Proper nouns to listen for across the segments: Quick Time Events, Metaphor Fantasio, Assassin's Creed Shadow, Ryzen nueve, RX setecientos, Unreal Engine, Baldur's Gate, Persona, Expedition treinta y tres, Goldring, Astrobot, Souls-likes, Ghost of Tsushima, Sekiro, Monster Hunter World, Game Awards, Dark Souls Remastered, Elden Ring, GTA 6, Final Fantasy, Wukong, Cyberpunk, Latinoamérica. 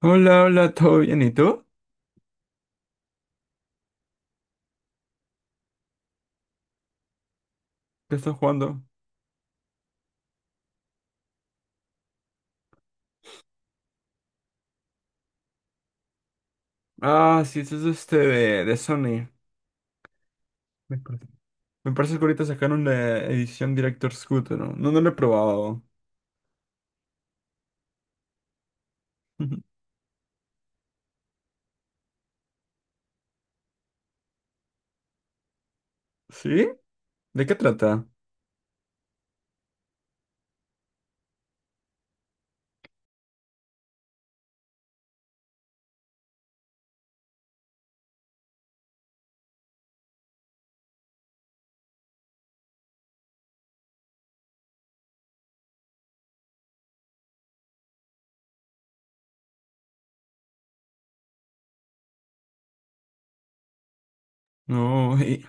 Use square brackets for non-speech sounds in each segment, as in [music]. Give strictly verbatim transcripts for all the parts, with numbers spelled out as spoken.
Hola, hola, ¿todo bien? ¿Y tú? ¿Qué estás jugando? Ah, sí, esto es este de, de Sony. Me parece Me parece que ahorita sacaron la edición Director's Cut, ¿no? No, no lo he probado. [laughs] ¿Sí? ¿De qué trata? No, [laughs] y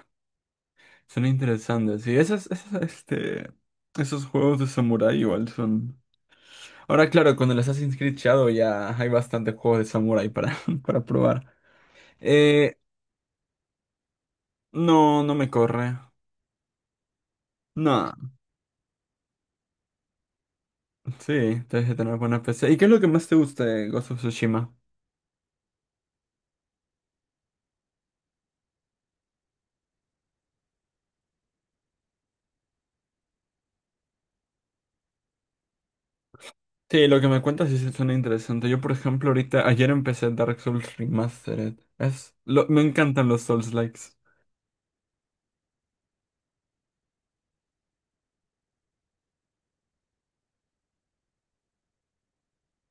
son interesantes. Sí, esas, esas, este, esos juegos de samurai igual son. Ahora, claro, con el Assassin's Creed Shadow ya hay bastantes juegos de samurai para, [laughs] para probar. Eh, no, no me corre. No. Sí, debes de tener buena P C. ¿Y qué es lo que más te gusta de Ghost of Tsushima? Sí, lo que me cuentas sí se suena interesante. Yo, por ejemplo, ahorita, ayer empecé Dark Souls Remastered. Es, lo- me encantan los Souls-likes.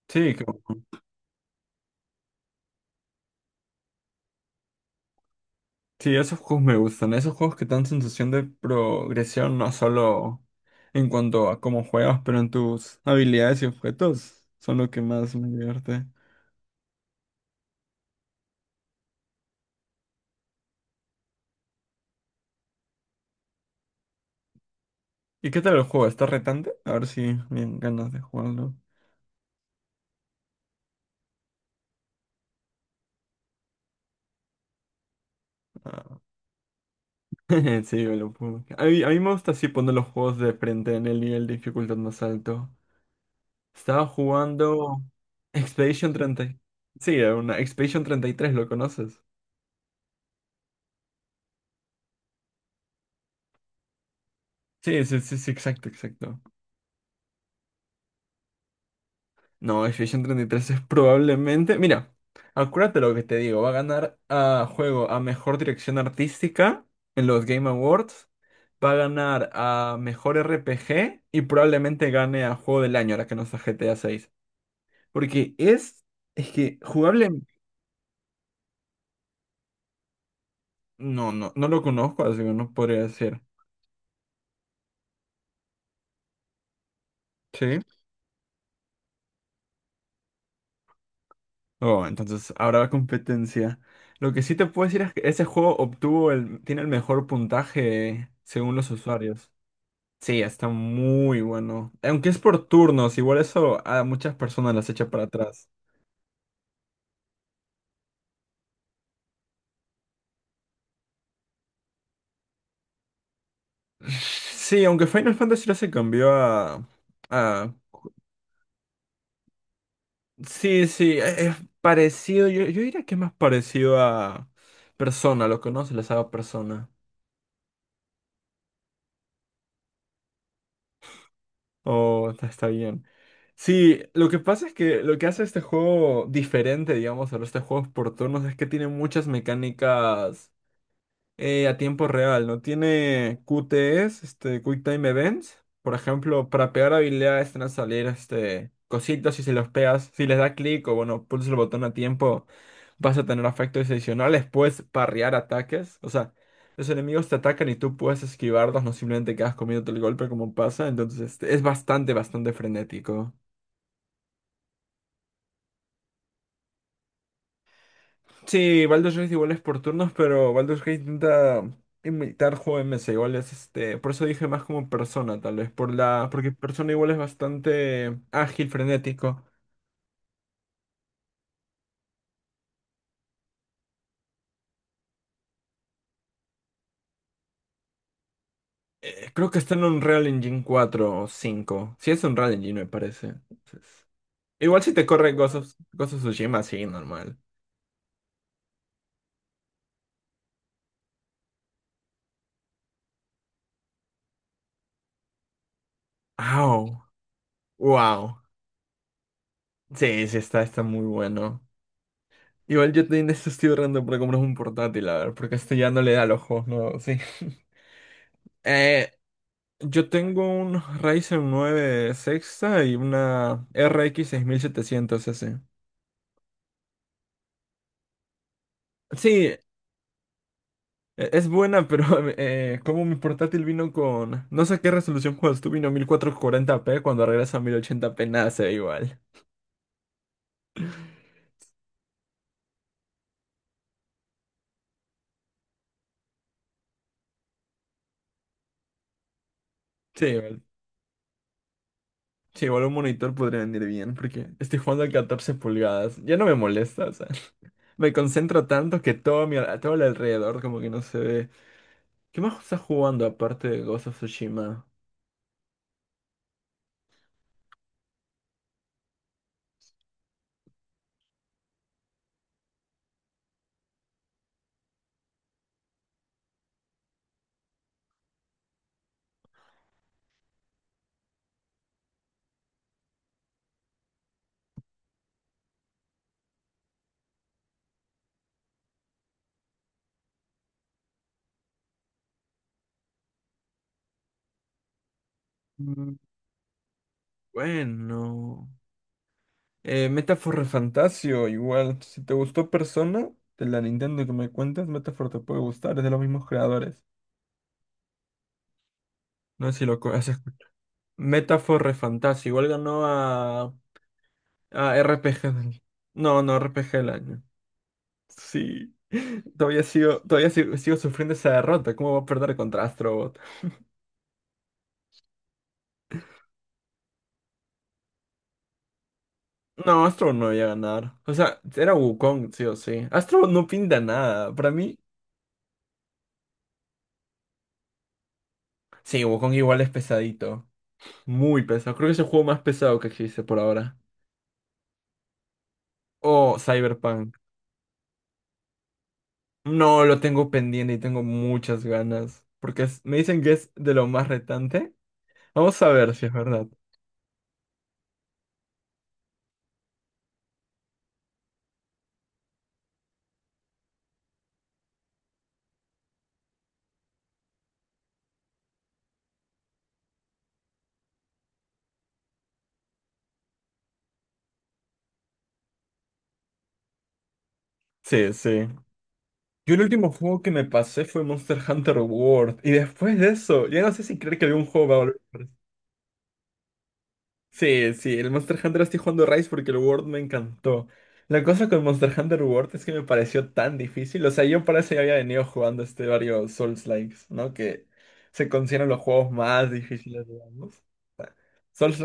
Sí, que- sí, esos juegos me gustan. Esos juegos que te dan sensación de progresión, no solo en cuanto a cómo juegas, pero en tus habilidades y objetos, son lo que más me divierte. ¿Y qué tal el juego? ¿Está retante? A ver si me dan ganas de jugarlo. Ah, [laughs] sí, me lo pongo. A mí, a mí me gusta así poner los juegos de frente en el nivel de dificultad más alto. Estaba jugando Expedition treinta. y- Sí, era una Expedition treinta y tres. ¿Lo conoces? Sí, sí, sí, sí, exacto, exacto. No, Expedition treinta y tres es probablemente. Mira, acuérdate lo que te digo. Va a ganar a juego a mejor dirección artística en los Game Awards. Va a ganar a mejor R P G y probablemente gane a juego del año, ahora que no está G T A seis. Porque es, es que jugable, no, no, no lo conozco, así que no podría decir. Sí. Oh, entonces habrá competencia. Lo que sí te puedo decir es que ese juego obtuvo el, tiene el mejor puntaje según los usuarios. Sí, está muy bueno. Aunque es por turnos, igual eso a muchas personas las echa para atrás. [laughs] Sí, aunque Final Fantasy ya se cambió a, a Sí, sí, es es parecido. Yo, yo diría que es más parecido a Persona, lo conoce, la saga Persona. Oh, está, está bien. Sí, lo que pasa es que lo que hace este juego diferente, digamos, a los este juegos por turnos es que tiene muchas mecánicas. eh, a tiempo real, ¿no? Tiene Q T Es, este, Quick Time Events. Por ejemplo, para pegar habilidades te van a salir este, cositas y si los pegas, si les da clic o bueno, pulsas el botón a tiempo, vas a tener efectos adicionales. Puedes parrear ataques. O sea, los enemigos te atacan y tú puedes esquivarlos, no simplemente quedas comiéndote el golpe como pasa. Entonces, este, es bastante, bastante frenético. Sí, Baldur's Gate igual es por turnos, pero Baldur's Gate intenta imitar juegos igual es este, por eso dije más como Persona, tal vez, por la, porque Persona igual es bastante ágil, frenético. Eh, creo que está en Unreal Engine cuatro o cinco. Sí, es Unreal Engine, me parece. Entonces, igual si te corre Ghost of, Ghost of Tsushima, sí, normal. ¡Au! ¡Wow! Sí, sí, está, está muy bueno. Igual yo te esto estoy ahorrando para comprar un portátil, a ver, porque este ya no le da los ojos, ¿no? Sí. [laughs] Eh, Yo tengo un Ryzen nueve sexta y una R X setecientos S. Sí, e- es buena, pero [laughs] eh, como mi portátil vino con... No sé qué resolución cuando tú vino mil cuatrocientos cuarenta p cuando regresa a mil ochenta p nada se ve igual. Sí, igual, sí, igual un monitor podría venir bien, porque estoy jugando a catorce pulgadas. Ya no me molesta, o sea. [laughs] Me concentro tanto que todo, mi, al- todo el alrededor como que no se ve. ¿Qué más estás jugando aparte de Ghost of Tsushima? Mm, Bueno... Eh, Metaphor Fantasio, igual. Si te gustó Persona, de la Nintendo que me cuentas, Metaphor te puede gustar, es de los mismos creadores. No sé si lo co- has escuchado. Metaphor Fantasio, igual ganó a, a R P G del- No, no, R P G del año. Sí. [laughs] Todavía sigo, todavía sigo, sigo sufriendo esa derrota. ¿Cómo va a perder contra Astrobot? No, Astrobot no iba a ganar. O sea, era Wukong, sí o sí. Astrobot no pinta nada. Para mí, sí, Wukong igual es pesadito. Muy pesado. Creo que es el juego más pesado que existe por ahora. Oh, Cyberpunk. No, lo tengo pendiente y tengo muchas ganas. Porque es- me dicen que es de lo más retante. Vamos a ver si es verdad. Sí, sí. Yo el último juego que me pasé fue Monster Hunter World. Y después de eso, ya no sé si creer que algún juego va a volver. Sí, sí, el Monster Hunter estoy jugando Rise porque el World me encantó. La cosa con Monster Hunter World es que me pareció tan difícil. O sea, yo para eso ya había venido jugando este varios Souls-likes, ¿no? Que se consideran los juegos más difíciles, digamos. Souls.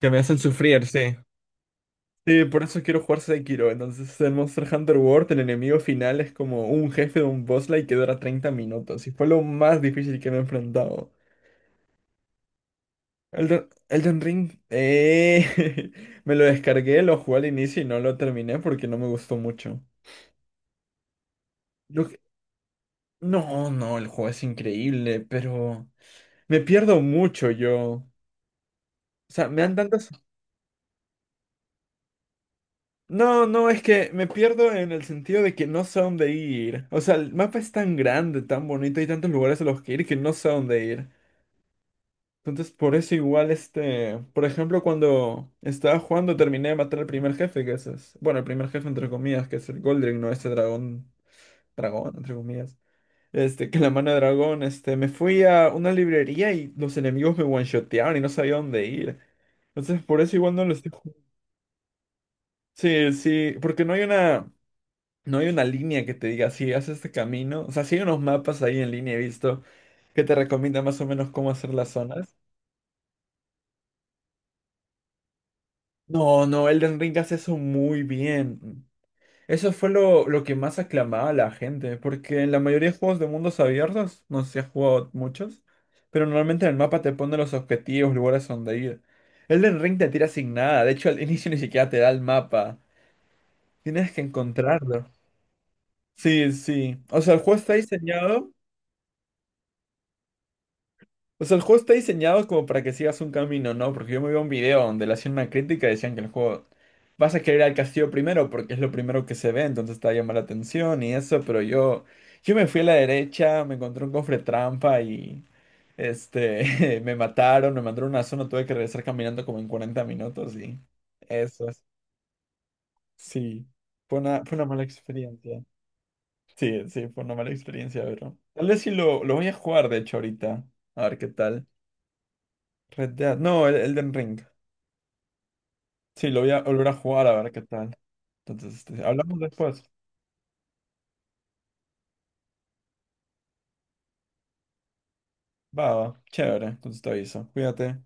Que me hacen sufrir, sí. Sí, por eso quiero jugar Sekiro. Entonces, el Monster Hunter World, el enemigo final es como un jefe de un boss like que dura treinta minutos. Y fue lo más difícil que me he enfrentado. Elden, Elden Ring, eh, [laughs] me lo descargué, lo jugué al inicio y no lo terminé porque no me gustó mucho. Lo que- No, no, el juego es increíble, pero me pierdo mucho yo. O sea, me dan tantas. No, no, es que me pierdo en el sentido de que no sé a dónde ir. O sea, el mapa es tan grande, tan bonito, hay tantos lugares a los que ir que no sé a dónde ir. Entonces, por eso igual este, por ejemplo, cuando estaba jugando terminé de matar al primer jefe, que ese es, bueno, el primer jefe entre comillas, que es el Goldring, no este dragón, dragón entre comillas. Este, que la mano de dragón, este, me fui a una librería y los enemigos me one-shotearon y no sabía dónde ir. Entonces, por eso igual no lo estoy jugando. Sí, sí, porque no hay una. No hay una línea que te diga, si haces este camino. O sea, sí hay unos mapas ahí en línea, he visto, que te recomienda más o menos cómo hacer las zonas. No, no, Elden Ring hace eso muy bien. Eso fue lo, lo que más aclamaba a la gente, porque en la mayoría de juegos de mundos abiertos, no sé si has jugado muchos, pero normalmente en el mapa te pone los objetivos, lugares donde ir. Elden Ring te tira sin nada, de hecho al [laughs] inicio ni siquiera te da el mapa. Tienes que encontrarlo. Sí, sí. O sea, el juego está diseñado. O sea, el juego está diseñado como para que sigas un camino, ¿no? Porque yo me vi un video donde le hacían una crítica y decían que el juego vas a querer ir al castillo primero porque es lo primero que se ve, entonces te va a llamar la atención y eso, pero yo, yo me fui a la derecha, me encontré un cofre trampa y este [laughs] me mataron, me mandaron a una zona, tuve que regresar caminando como en cuarenta minutos y eso es. Sí. Fue una, fue una mala experiencia. Sí, sí, fue una mala experiencia, pero. Tal vez sí lo, lo voy a jugar, de hecho, ahorita. A ver qué tal. Red Dead. No, el Elden Ring. Sí, lo voy a volver a jugar a ver qué tal. Entonces, este, hablamos después. Va, va, chévere. Entonces te aviso. Cuídate.